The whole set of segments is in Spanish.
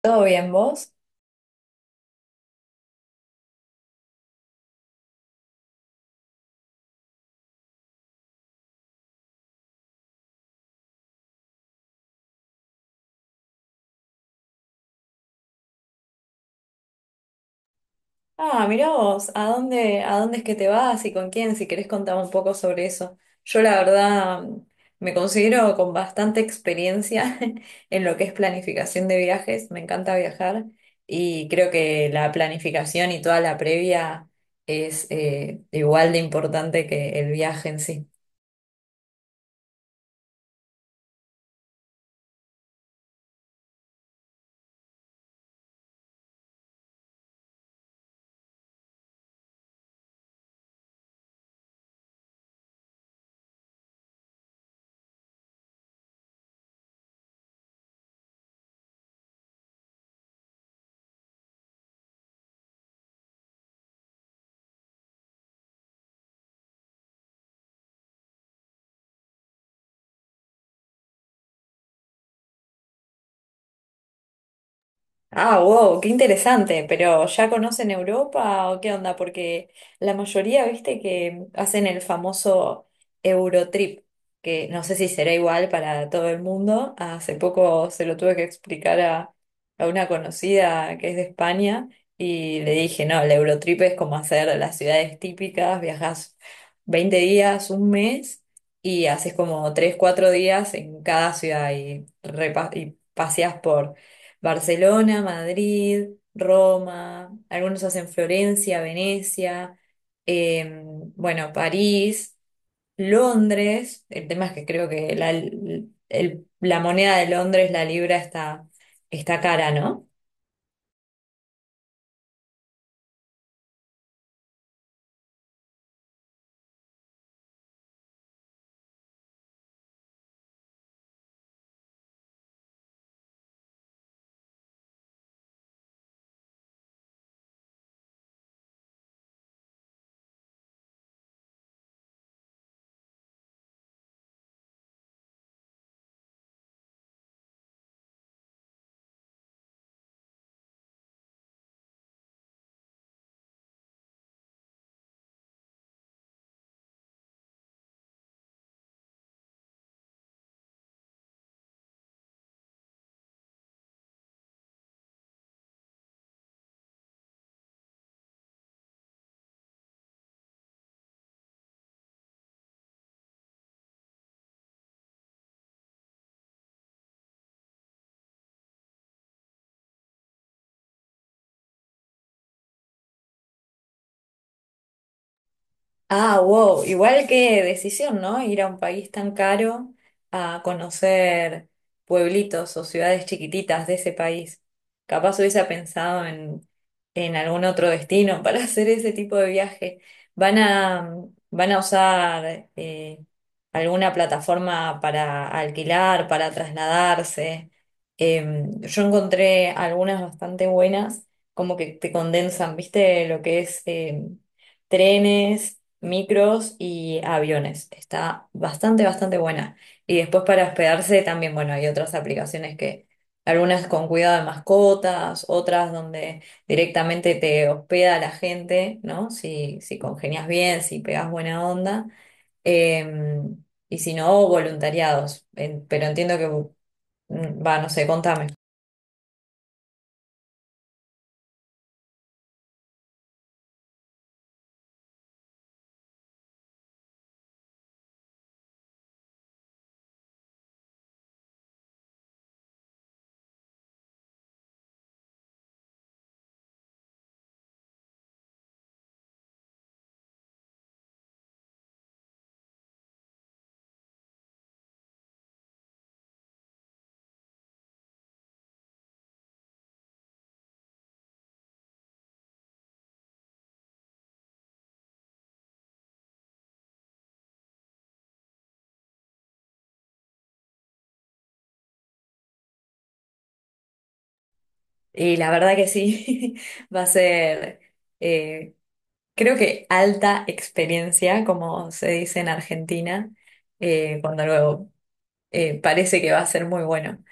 ¿Todo bien vos? Ah, mirá vos, a dónde es que te vas y con quién? Si querés contar un poco sobre eso. Yo la verdad me considero con bastante experiencia en lo que es planificación de viajes, me encanta viajar y creo que la planificación y toda la previa es igual de importante que el viaje en sí. Ah, wow, qué interesante, pero ¿ya conocen Europa o qué onda? Porque la mayoría, viste, que hacen el famoso Eurotrip, que no sé si será igual para todo el mundo. Hace poco se lo tuve que explicar a una conocida que es de España y le dije, no, el Eurotrip es como hacer las ciudades típicas, viajas 20 días, un mes y haces como 3 4 días en cada ciudad y y paseas por Barcelona, Madrid, Roma, algunos hacen Florencia, Venecia, eh, bueno, París, Londres. El tema es que creo que la moneda de Londres, la libra, está, está cara, ¿no? Ah, wow, igual qué decisión, ¿no? Ir a un país tan caro a conocer pueblitos o ciudades chiquititas de ese país. Capaz hubiese pensado en algún otro destino para hacer ese tipo de viaje. ¿Van a, ¿Van a usar alguna plataforma para alquilar, para trasladarse? Yo encontré algunas bastante buenas, como que te condensan, ¿viste? Lo que es... em, trenes, micros y aviones. Está bastante, bastante buena. Y después para hospedarse también, bueno, hay otras aplicaciones que, algunas con cuidado de mascotas, otras donde directamente te hospeda la gente, ¿no? Si congenias bien, si pegas buena onda. Eh, y si no, voluntariados. Pero entiendo que, va, no sé, contame. Y la verdad que sí, va a ser... eh, Creo que alta experiencia, como se dice en Argentina, cuando luego parece que va a ser muy bueno.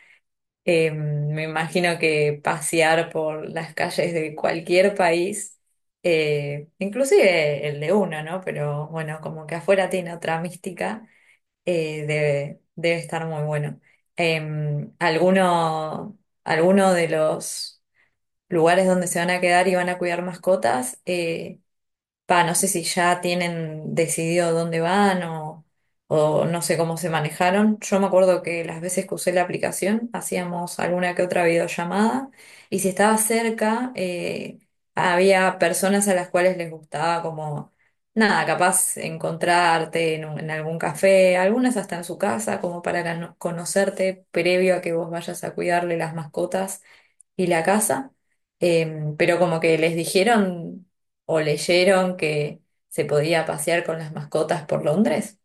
Me imagino que pasear por las calles de cualquier país, inclusive el de uno, ¿no? Pero bueno, como que afuera tiene otra mística, debe estar muy bueno. Eh, alguno, Alguno de los lugares donde se van a quedar y van a cuidar mascotas. No sé si ya tienen decidido dónde van o no sé cómo se manejaron. Yo me acuerdo que las veces que usé la aplicación hacíamos alguna que otra videollamada y si estaba cerca había personas a las cuales les gustaba como, nada, capaz encontrarte en algún café, algunas hasta en su casa como para conocerte previo a que vos vayas a cuidarle las mascotas y la casa, pero como que les dijeron o leyeron que se podía pasear con las mascotas por Londres.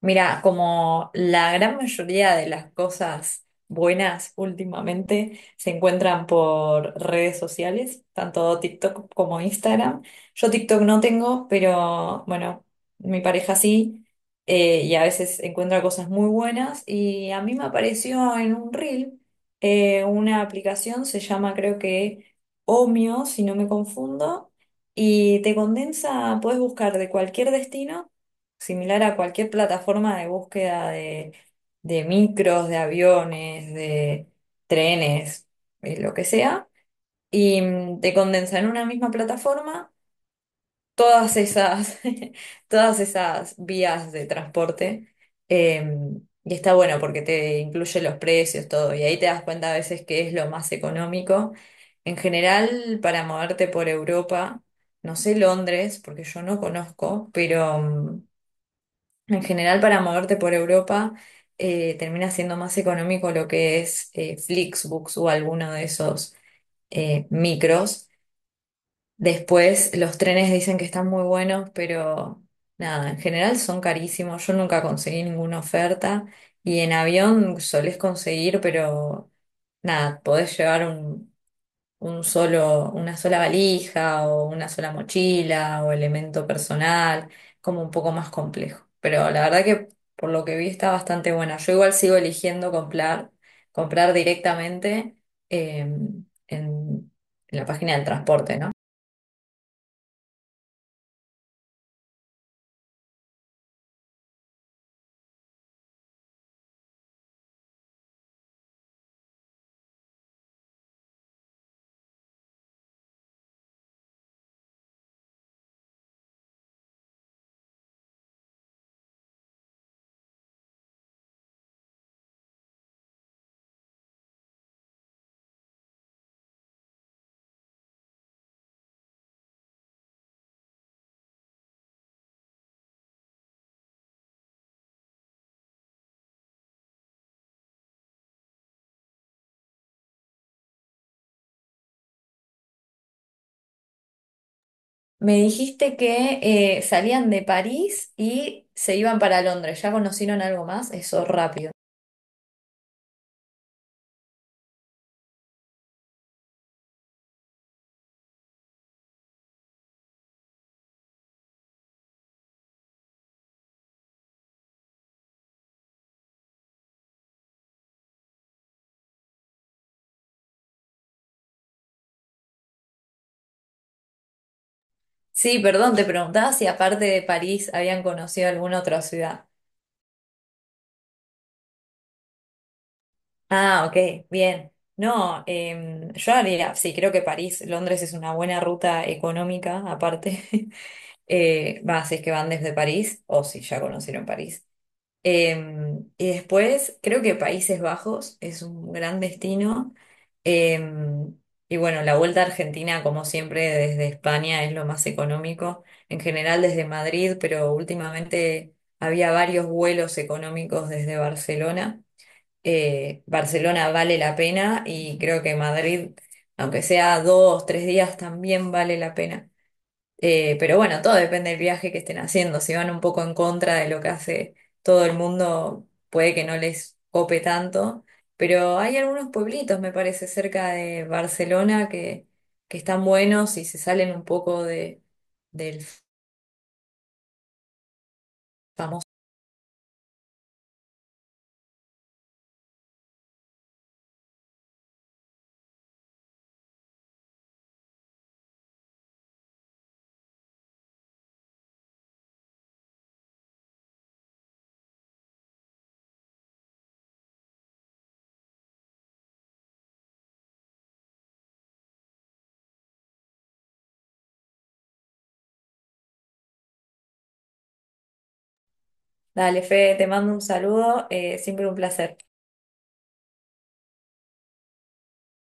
Mira, como la gran mayoría de las cosas buenas últimamente se encuentran por redes sociales, tanto TikTok como Instagram. Yo TikTok no tengo, pero bueno, mi pareja sí, y a veces encuentra cosas muy buenas. Y a mí me apareció en un reel una aplicación, se llama creo que Omio, si no me confundo, y te condensa, puedes buscar de cualquier destino similar a cualquier plataforma de búsqueda de micros, de aviones, de trenes, lo que sea, y te condensa en una misma plataforma todas esas, todas esas vías de transporte. eh, y está bueno porque te incluye los precios, todo, y ahí te das cuenta a veces que es lo más económico. En general, para moverte por Europa, no sé Londres, porque yo no conozco, pero en general, para moverte por Europa, termina siendo más económico lo que es Flixbus o alguno de esos micros. Después, los trenes dicen que están muy buenos, pero nada, en general son carísimos. Yo nunca conseguí ninguna oferta y en avión solés conseguir, pero nada, podés llevar una sola valija o una sola mochila o elemento personal, como un poco más complejo. Pero la verdad que por lo que vi está bastante buena. Yo igual sigo eligiendo comprar directamente en la página del transporte, ¿no? Me dijiste que salían de París y se iban para Londres. ¿Ya conocieron algo más? Eso rápido. Sí, perdón, te preguntaba si aparte de París habían conocido alguna otra ciudad. Ah, ok, bien. No, yo haría, sí, creo que París, Londres es una buena ruta económica, aparte. Va, si es que van desde París, o si ya conocieron París. Y después, creo que Países Bajos es un gran destino. Em, y bueno, la vuelta a Argentina, como siempre, desde España es lo más económico. En general desde Madrid, pero últimamente había varios vuelos económicos desde Barcelona. Barcelona vale la pena y creo que Madrid, aunque sea 2, 3 días, también vale la pena. Pero bueno, todo depende del viaje que estén haciendo. Si van un poco en contra de lo que hace todo el mundo, puede que no les cope tanto. Pero hay algunos pueblitos, me parece, cerca de Barcelona que están buenos y se salen un poco de, del famoso. Dale, Fede, te mando un saludo. Siempre un placer.